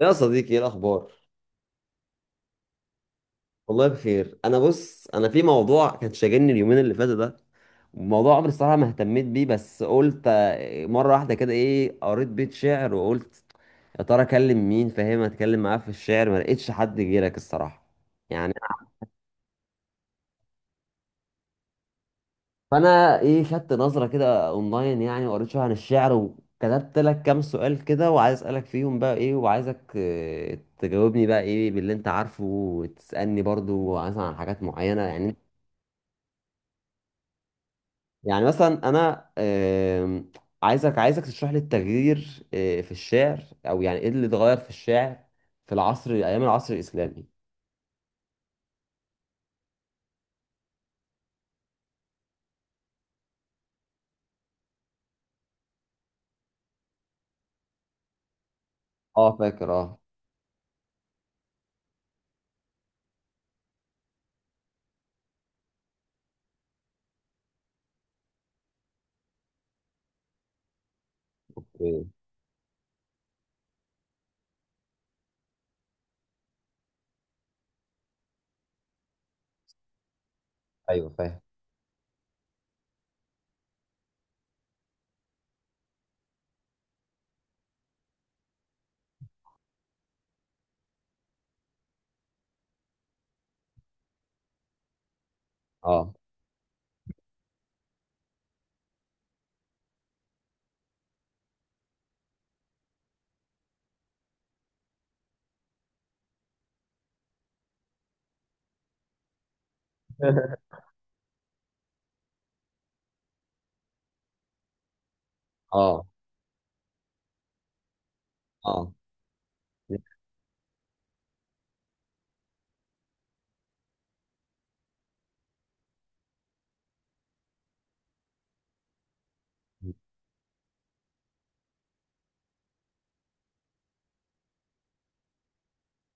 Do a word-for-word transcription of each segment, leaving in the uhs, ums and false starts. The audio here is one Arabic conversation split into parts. يا صديقي، ايه الاخبار؟ والله بخير. انا بص، انا في موضوع كان شاغلني اليومين اللي فاتوا ده، موضوع عمري الصراحه ما اهتميت بيه. بس قلت آه، مره واحده كده، ايه، قريت بيت شعر وقلت يا ترى اكلم مين فاهم اتكلم معاه في الشعر، ما لقيتش حد غيرك الصراحه يعني. فانا ايه خدت نظره كده اونلاين يعني، وقريت شويه عن الشعر، وكتبت لك كام سؤال كده، وعايز اسالك فيهم بقى ايه، وعايزك آه، تجاوبني بقى ايه باللي انت عارفه، وتسالني برضو مثلا عن حاجات معينه يعني. يعني مثلا انا، آم، عايزك عايزك تشرح لي التغيير آه، في الشعر، او يعني ايه اللي اتغير في الشعر في العصر، ايام العصر الاسلامي. اه، فاكر، اه. إيه. ايوه، فاهم. اه، اه، اه،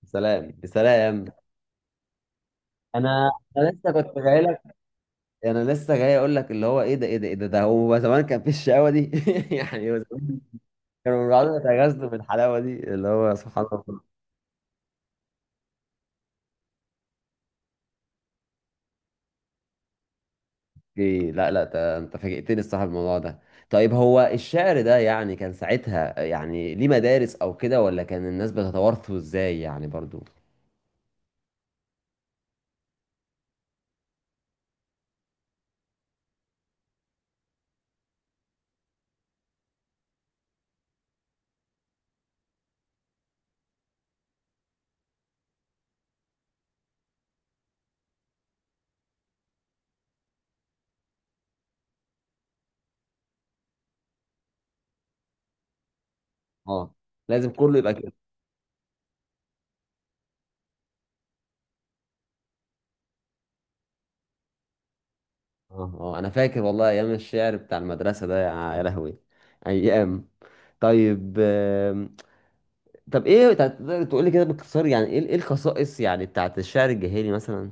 سلام بسلام. انا انا لسه كنت جاي لك. انا لسه جاي اقول لك، اللي هو ايه ده، ايه ده، ايه ده ده هو زمان كان في الشقاوه دي؟ يعني هو زمان كانوا بيقعدوا يتغازلوا بالحلاوه دي اللي هو سبحان الله. اوكي، لا، لا، تا- انت فاجئتني الصراحه بالموضوع ده. طيب، هو الشعر ده يعني كان ساعتها يعني ليه مدارس او كده، ولا كان الناس بتتوارثه ازاي يعني برضو؟ اه، لازم كله يبقى كده. اه، اه، انا فاكر والله ايام الشعر بتاع المدرسه ده، يا يا لهوي، ايام. طيب آم، طب ايه، تقدر تقول لي كده باختصار يعني ايه، ايه الخصائص يعني بتاعت الشعر الجاهلي مثلا؟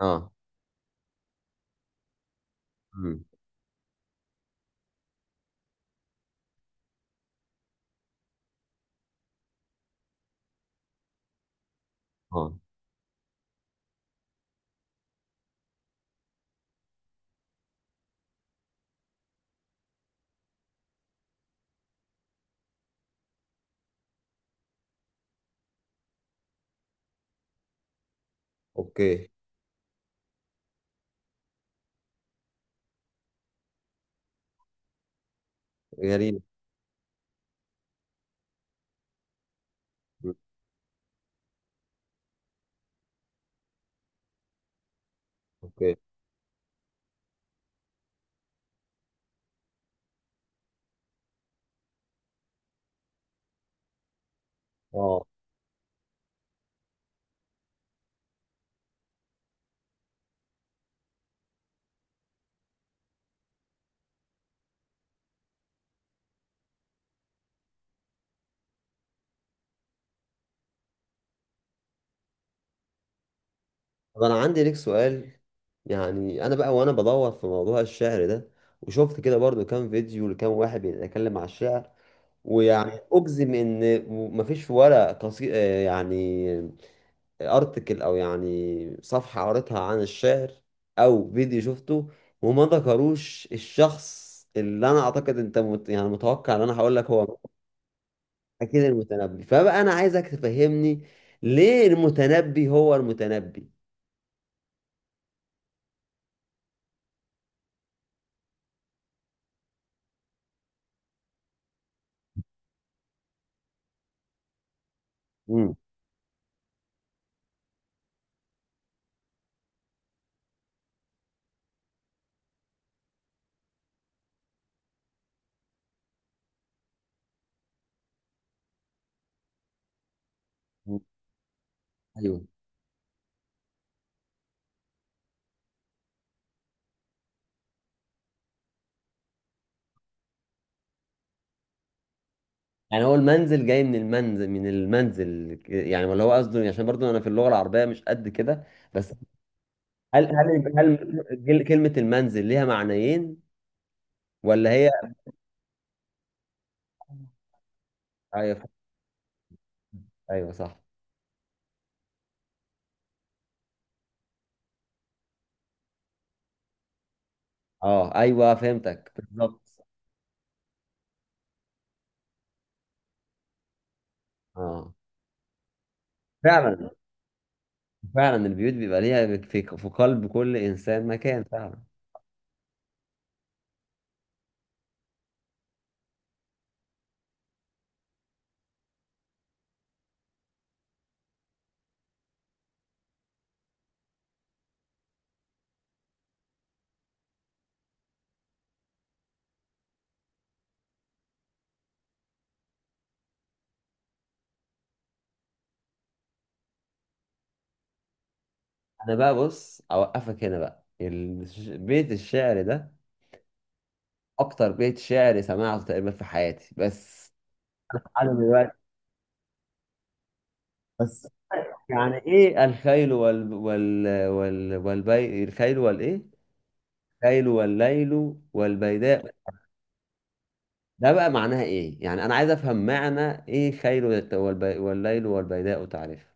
اه. امم. اه. اوكي. غريب. مم. اوكي. اه. طب انا عندي ليك سؤال. يعني انا بقى وانا بدور في موضوع الشعر ده، وشفت كده برضو كام فيديو لكام واحد بيتكلم على الشعر، ويعني اجزم ان مفيش ولا قصي... آه يعني ارتكل، او يعني صفحة قريتها عن الشعر، او فيديو شفته، وما ذكروش الشخص اللي انا اعتقد انت مت... يعني متوقع ان انا هقول لك هو اكيد المتنبي. فبقى انا عايزك تفهمني ليه المتنبي هو المتنبي. امم. ايوه. يعني هو المنزل جاي من المنزل من المنزل يعني، ولا هو قصده؟ عشان برضو انا في اللغه العربيه مش قد كده بس. هل هل هل، جل- كلمه المنزل ليها معنيين ولا هي؟ ايوه، ايوه، صح. اه، ايوه، فهمتك بالظبط. اه، فعلا، فعلا، البيوت بيبقى ليها في في قلب كل انسان مكان، فعلا. انا بقى بص، اوقفك هنا بقى. الش- بيت الشعر ده اكتر بيت شعر سمعته تقريبا في حياتي، بس على دلوقتي، بس. يعني ايه الخيل وال وال وال والبي الخيل والايه؟ خيل والليل والبيداء، ده بقى معناها ايه؟ يعني انا عايز افهم معنى ايه، خيل والت- والبي... والليل والبيداء تعرفها.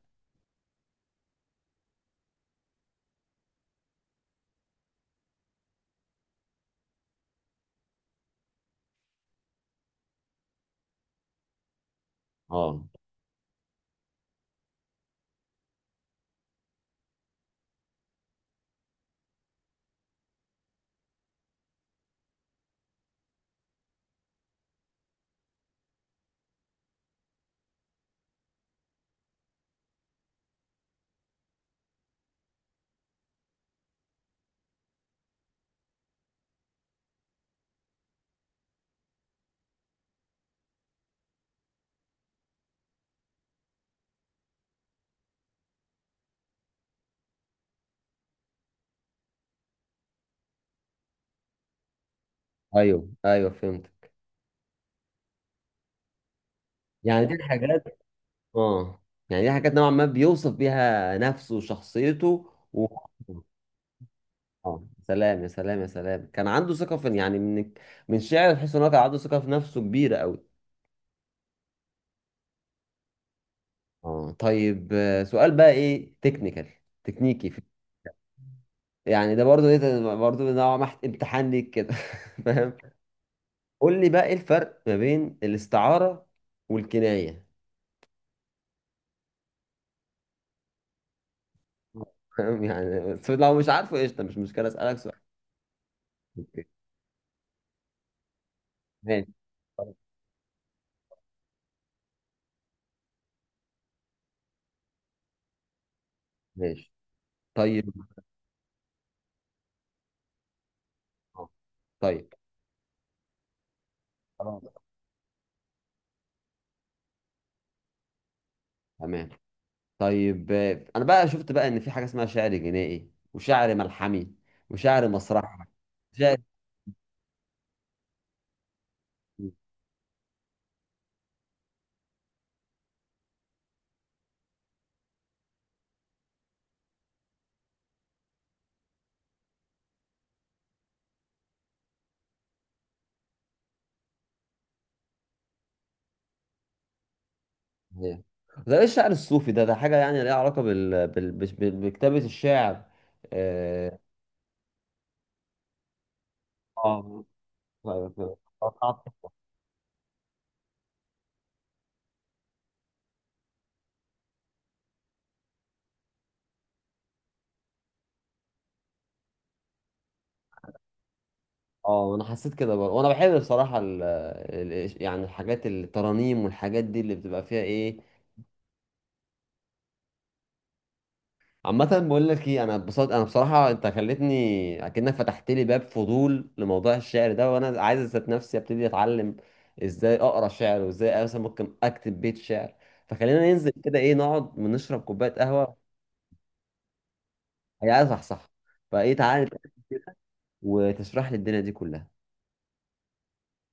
اه، ايوه، ايوه، فهمت. يعني دي الحاجات. اه. يعني دي حاجات نوعا ما بيوصف بيها نفسه وشخصيته و... اه، سلام، يا سلام، يا سلام، كان عنده ثقة في، يعني من من شعر تحس ان هو كان عنده ثقة في نفسه كبيرة قوي. اه، طيب، آه، سؤال بقى ايه، تكنيكال، تكنيكي في- يعني ده برضو ايه، ده برضو نوع ما امتحان ليك كده. فاهم؟ قول لي بقى ايه الفرق ما بين الاستعارة والكناية. فاهم يعني؟ بس لو مش عارفه قشطة، مش مشكلة، اسألك سؤال. اوكي. ماشي. خلاص. ماشي. طيب. اه. طيب. خلاص، تمام. طيب آه، انا بقى شفت بقى ان في حاجة اسمها شعر جنائي، وشعر ملحمي، وشعر مسرحي. شعر إيه. ده ايه الشعر الصوفي ده ده حاجة يعني ليها علاقة بال... بال... بش- بال- بكتابة الشعر؟ اه. اه. اه. آه، انا حسيت كده برضه، وانا بحب بصراحة ال... ال... يعني الحاجات، الترانيم والحاجات دي اللي بتبقى فيها ايه. عامة، بقول لك ايه، انا اتبسطت، انا بصراحة انت خلتني اكنك فتحت لي باب فضول لموضوع الشعر ده، وانا عايز اذات نفسي ابتدي اتعلم ازاي اقرا شعر، وازاي مثلا ممكن اكتب بيت شعر. فخلينا ننزل كده، ايه، نقعد ونشرب كوباية قهوة. هي عايزة، صح، صح. فايه، تعالى وتشرح لي الدنيا دي كلها.